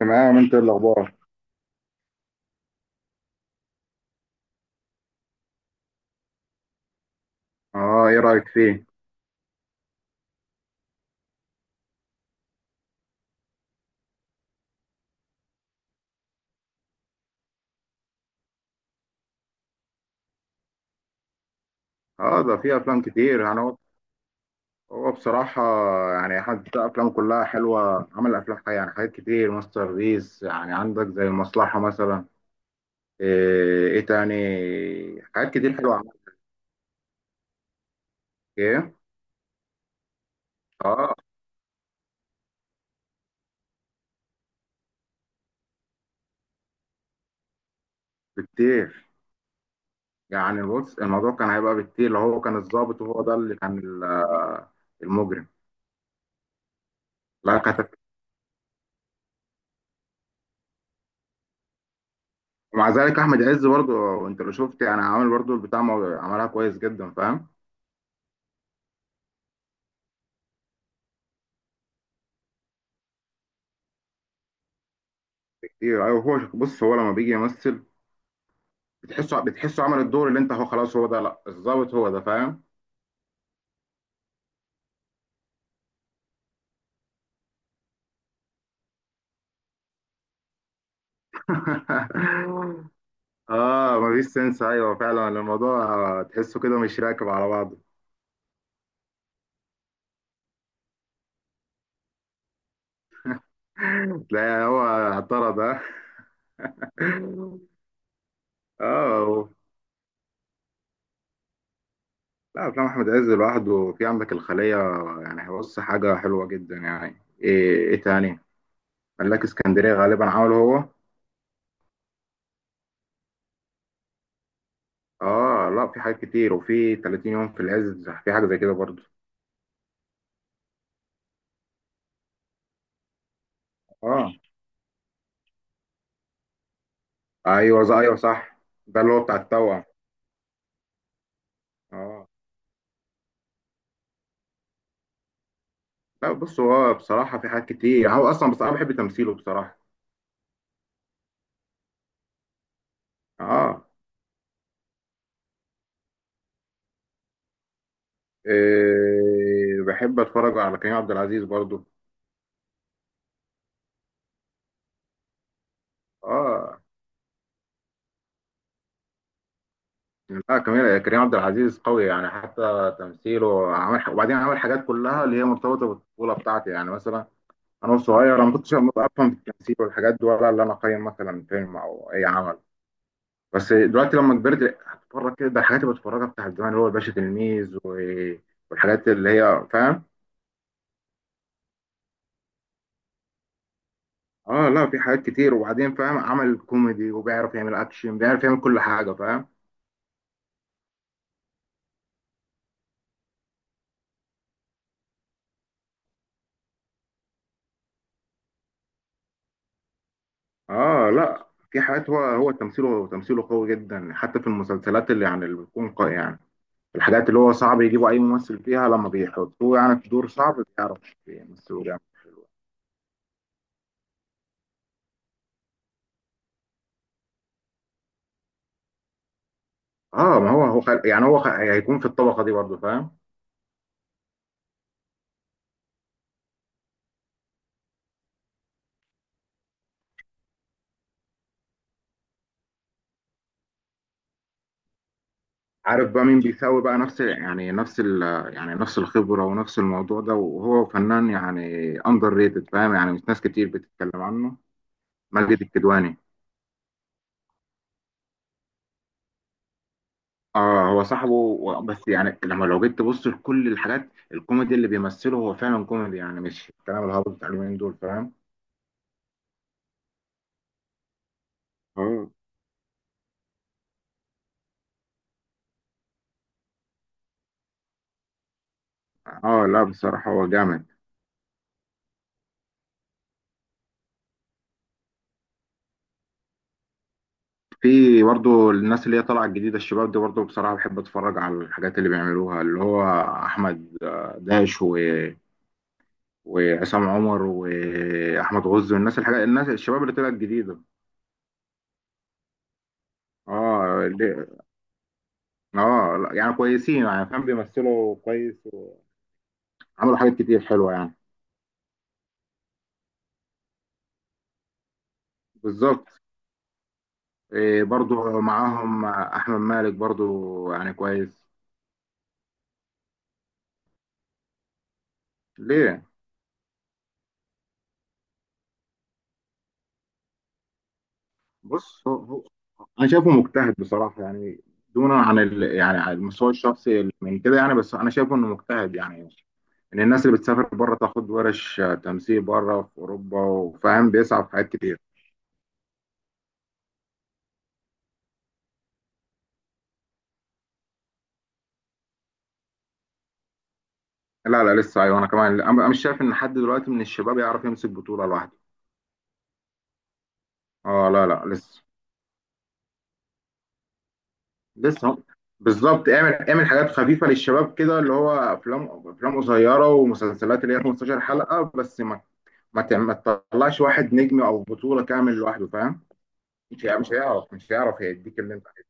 تمام، انت ايه الاخبار؟ اه، ايه رايك فيه؟ اه، ده في افلام كتير يعني. هو بصراحه يعني حتى افلام كلها حلوه، عمل افلام حاجة يعني حاجات كتير ماستر بيس، يعني عندك زي المصلحه مثلا. ايه تاني؟ حاجات كتير حلوه عملها. ايه. اه، بكتير. يعني بص، الموضوع كان هيبقى بكتير لو هو كان الضابط، وهو ده اللي كان ال- المجرم. لا كانت. ومع ذلك احمد عز برضه انت لو شفت، يعني عامل برضه البتاع عملها كويس جدا، فاهم. ايه، ايوه، هو بص، هو لما بيجي يمثل، بتحسه عمل الدور اللي انت هو خلاص هو ده، لا الظابط هو ده، فاهم. اه، مفيش سنس. ايوه فعلا الموضوع، تحسه كده مش راكب على بعضه. تلاقي هو اعترض ده. اه، لا افلام احمد عز لوحده، في عندك الخليه. يعني بص حاجه حلوه جدا، يعني ايه تاني؟ ملاك اسكندريه غالبا عمله هو. اه، لا في حاجات كتير، وفي 30 يوم، في العز، في حاجه زي كده برضه. اه، ايوه ايوه صح. ده اللي هو بتاع التوأم. اه، لا بص هو بصراحه في حاجات كتير هو اصلا، بس انا بحب تمثيله بصراحه. اه. إيه، بحب اتفرج على كريم عبد العزيز برضو. اه، لا كريم عبد العزيز قوي، يعني حتى تمثيله وبعدين عمل حاجات كلها اللي هي مرتبطه بالطفوله بتاعتي يعني مثلا. انا صغير، انا ما كنتش افهم في التمثيل والحاجات دي، ولا اللي انا اقيم مثلا فيلم او اي عمل. بس دلوقتي لما كبرت هتتفرج كده، ده الحاجات اللي بتفرجها بتاعت زمان اللي هو الباشا تلميذ والحاجات اللي هي، فاهم. اه، لا في حاجات كتير، وبعدين فاهم عمل كوميدي وبيعرف يعمل اكشن، بيعرف يعمل كل حاجه، فاهم. اه، لا في حاجات، هو تمثيله قوي جدا، حتى في المسلسلات اللي بتكون قوي يعني. الحاجات اللي هو صعب يجيبوا اي ممثل فيها، لما بيحطوه يعني في دور صعب، بيعرف يمثله جامد. اه، ما هو يعني هيكون في الطبقه دي برضه، فاهم. عارف بقى مين بيساوي بقى نفس، يعني نفس ال يعني نفس الخبرة ونفس الموضوع ده، وهو فنان يعني، اندر ريتد، فاهم يعني، مش ناس كتير بتتكلم عنه. ماجد الكدواني. اه، هو صاحبه بس يعني لما لو جيت تبص لكل الحاجات الكوميدي اللي بيمثله هو فعلا كوميدي، يعني مش الكلام الهابط بتاع اليومين دول، فاهم. اه. اه، لا بصراحة هو جامد. في برضه الناس اللي هي طالعة الجديدة، الشباب دي برضه بصراحة بحب اتفرج على الحاجات اللي بيعملوها، اللي هو احمد داش وعصام عمر واحمد غزي، والناس الناس الشباب اللي طلعت جديده. اه. اه لا، يعني كويسين، يعني فاهم بيمثلوا كويس، وعملوا حاجات كتير حلوه يعني. بالظبط. إيه، برضو معاهم احمد مالك برضو، يعني كويس. ليه؟ بص هو. انا شايفه مجتهد بصراحه يعني، دونا عن يعني عن المستوى الشخصي من كده، يعني بس انا شايفه انه مجتهد يعني، ان الناس اللي بتسافر بره تاخد ورش تمثيل بره في اوروبا، وفاهم بيسعى في حاجات كتير. لا لا لسه، ايوه انا كمان، أنا بقى مش شايف ان حد دلوقتي من الشباب يعرف يمسك بطولة لوحده. اه، لا لا لسه. لسه. بالظبط، اعمل حاجات خفيفة للشباب كده، اللي هو افلام قصيرة ومسلسلات اللي هي 15 حلقة، بس ما تطلعش واحد نجم او بطولة كامل لوحده، فاهم. مش هيعرف يديك اللي انت عايزه.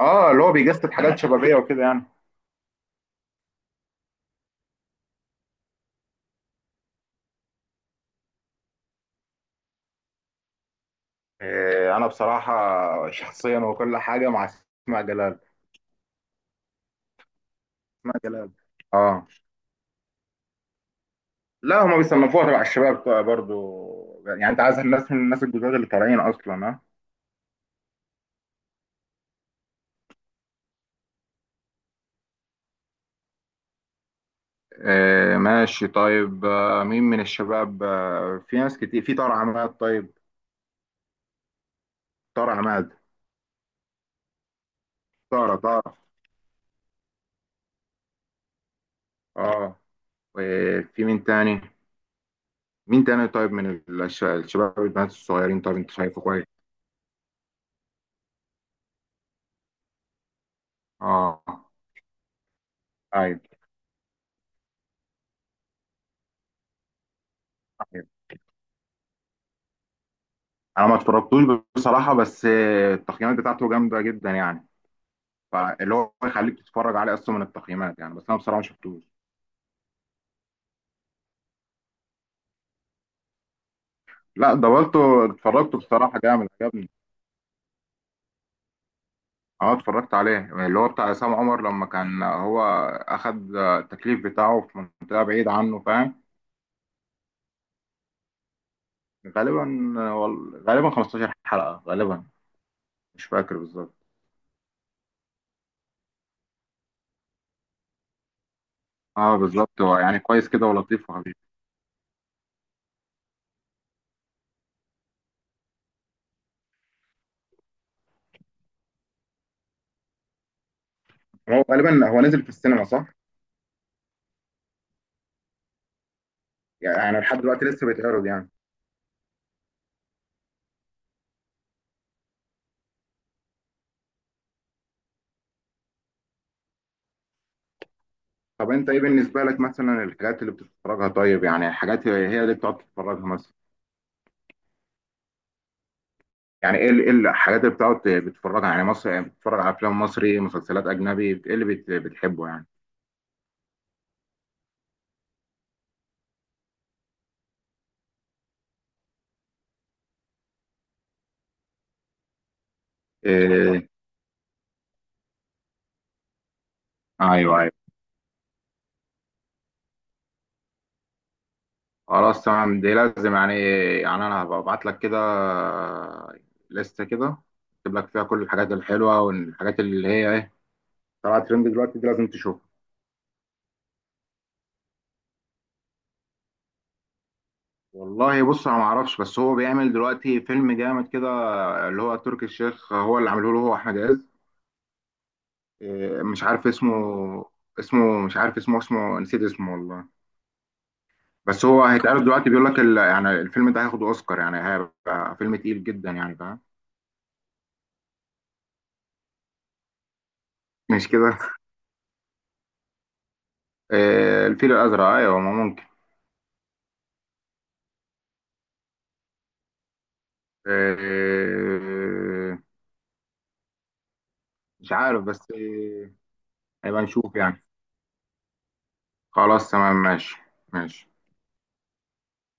اه، اللي هو بيجسد حاجات شبابية وكده يعني. إيه، انا بصراحة شخصيا وكل حاجة مع اسماء جلال. اسماء جلال. اه، لا هما بيصنفوها تبع الشباب بقى برضو، يعني انت عايز الناس من الناس الجداد اللي طالعين اصلا، ها. آه، ماشي، طيب، مين من الشباب؟ في ناس كتير، في طارق عماد، طيب. طارق عماد. طارق. اه، في مين تاني؟ مين تاني، طيب من الشباب، البنات الصغيرين، طيب انت شايفه كويس. اه. طيب. طيب انا ما اتفرجتوش بصراحه، بس التقييمات بتاعته جامده جدا يعني. فاللي هو يخليك تتفرج عليه اصلا من التقييمات يعني، بس انا بصراحه ما شفتوش. لا، دورته اتفرجته بصراحة، جامد عجبني. اه، اتفرجت عليه، اللي هو بتاع عصام عمر لما كان هو أخد التكليف بتاعه في منطقة بعيدة عنه، فاهم. غالبا. غالبا 15 حلقة، غالبا. مش فاكر بالظبط. اه، بالظبط هو يعني كويس كده، ولطيف وخفيف. هو غالبا هو نزل في السينما، صح؟ يعني لحد دلوقتي لسه بيتعرض يعني؟ طب انت ايه بالنسبة لك مثلا الحاجات اللي بتتفرجها؟ طيب يعني الحاجات هي اللي بتقعد تتفرجها مثلا، يعني إيه الحاجات اللي بتقعد بتتفرج على، يعني مصر بتتفرج على افلام مصري، مسلسلات اجنبي، ايه اللي بتحبه يعني؟ إيه، ايوه، ايوه، خلاص تمام، دي لازم يعني. يعني انا هبقى ابعت لك كده، لستة كده، اكتب لك فيها كل الحاجات الحلوه والحاجات اللي هي ايه، طلعت ترند دلوقتي، دي لازم تشوفها. والله بص، انا ما اعرفش، بس هو بيعمل دلوقتي فيلم جامد كده، اللي هو تركي الشيخ هو اللي عامله له، هو احمد عز. إيه، مش عارف اسمه. اسمه، مش عارف اسمه، اسمه نسيت اسمه والله. بس هو هيتقال دلوقتي، بيقول لك يعني الفيلم ده هياخد اوسكار، يعني هيبقى فيلم تقيل جدا يعني، فاهم. مش كده. آه، الفيل الازرق، ايوه ما ممكن. آه. مش عارف، بس هيبقى نشوف يعني. خلاص تمام، ماشي، ماشي.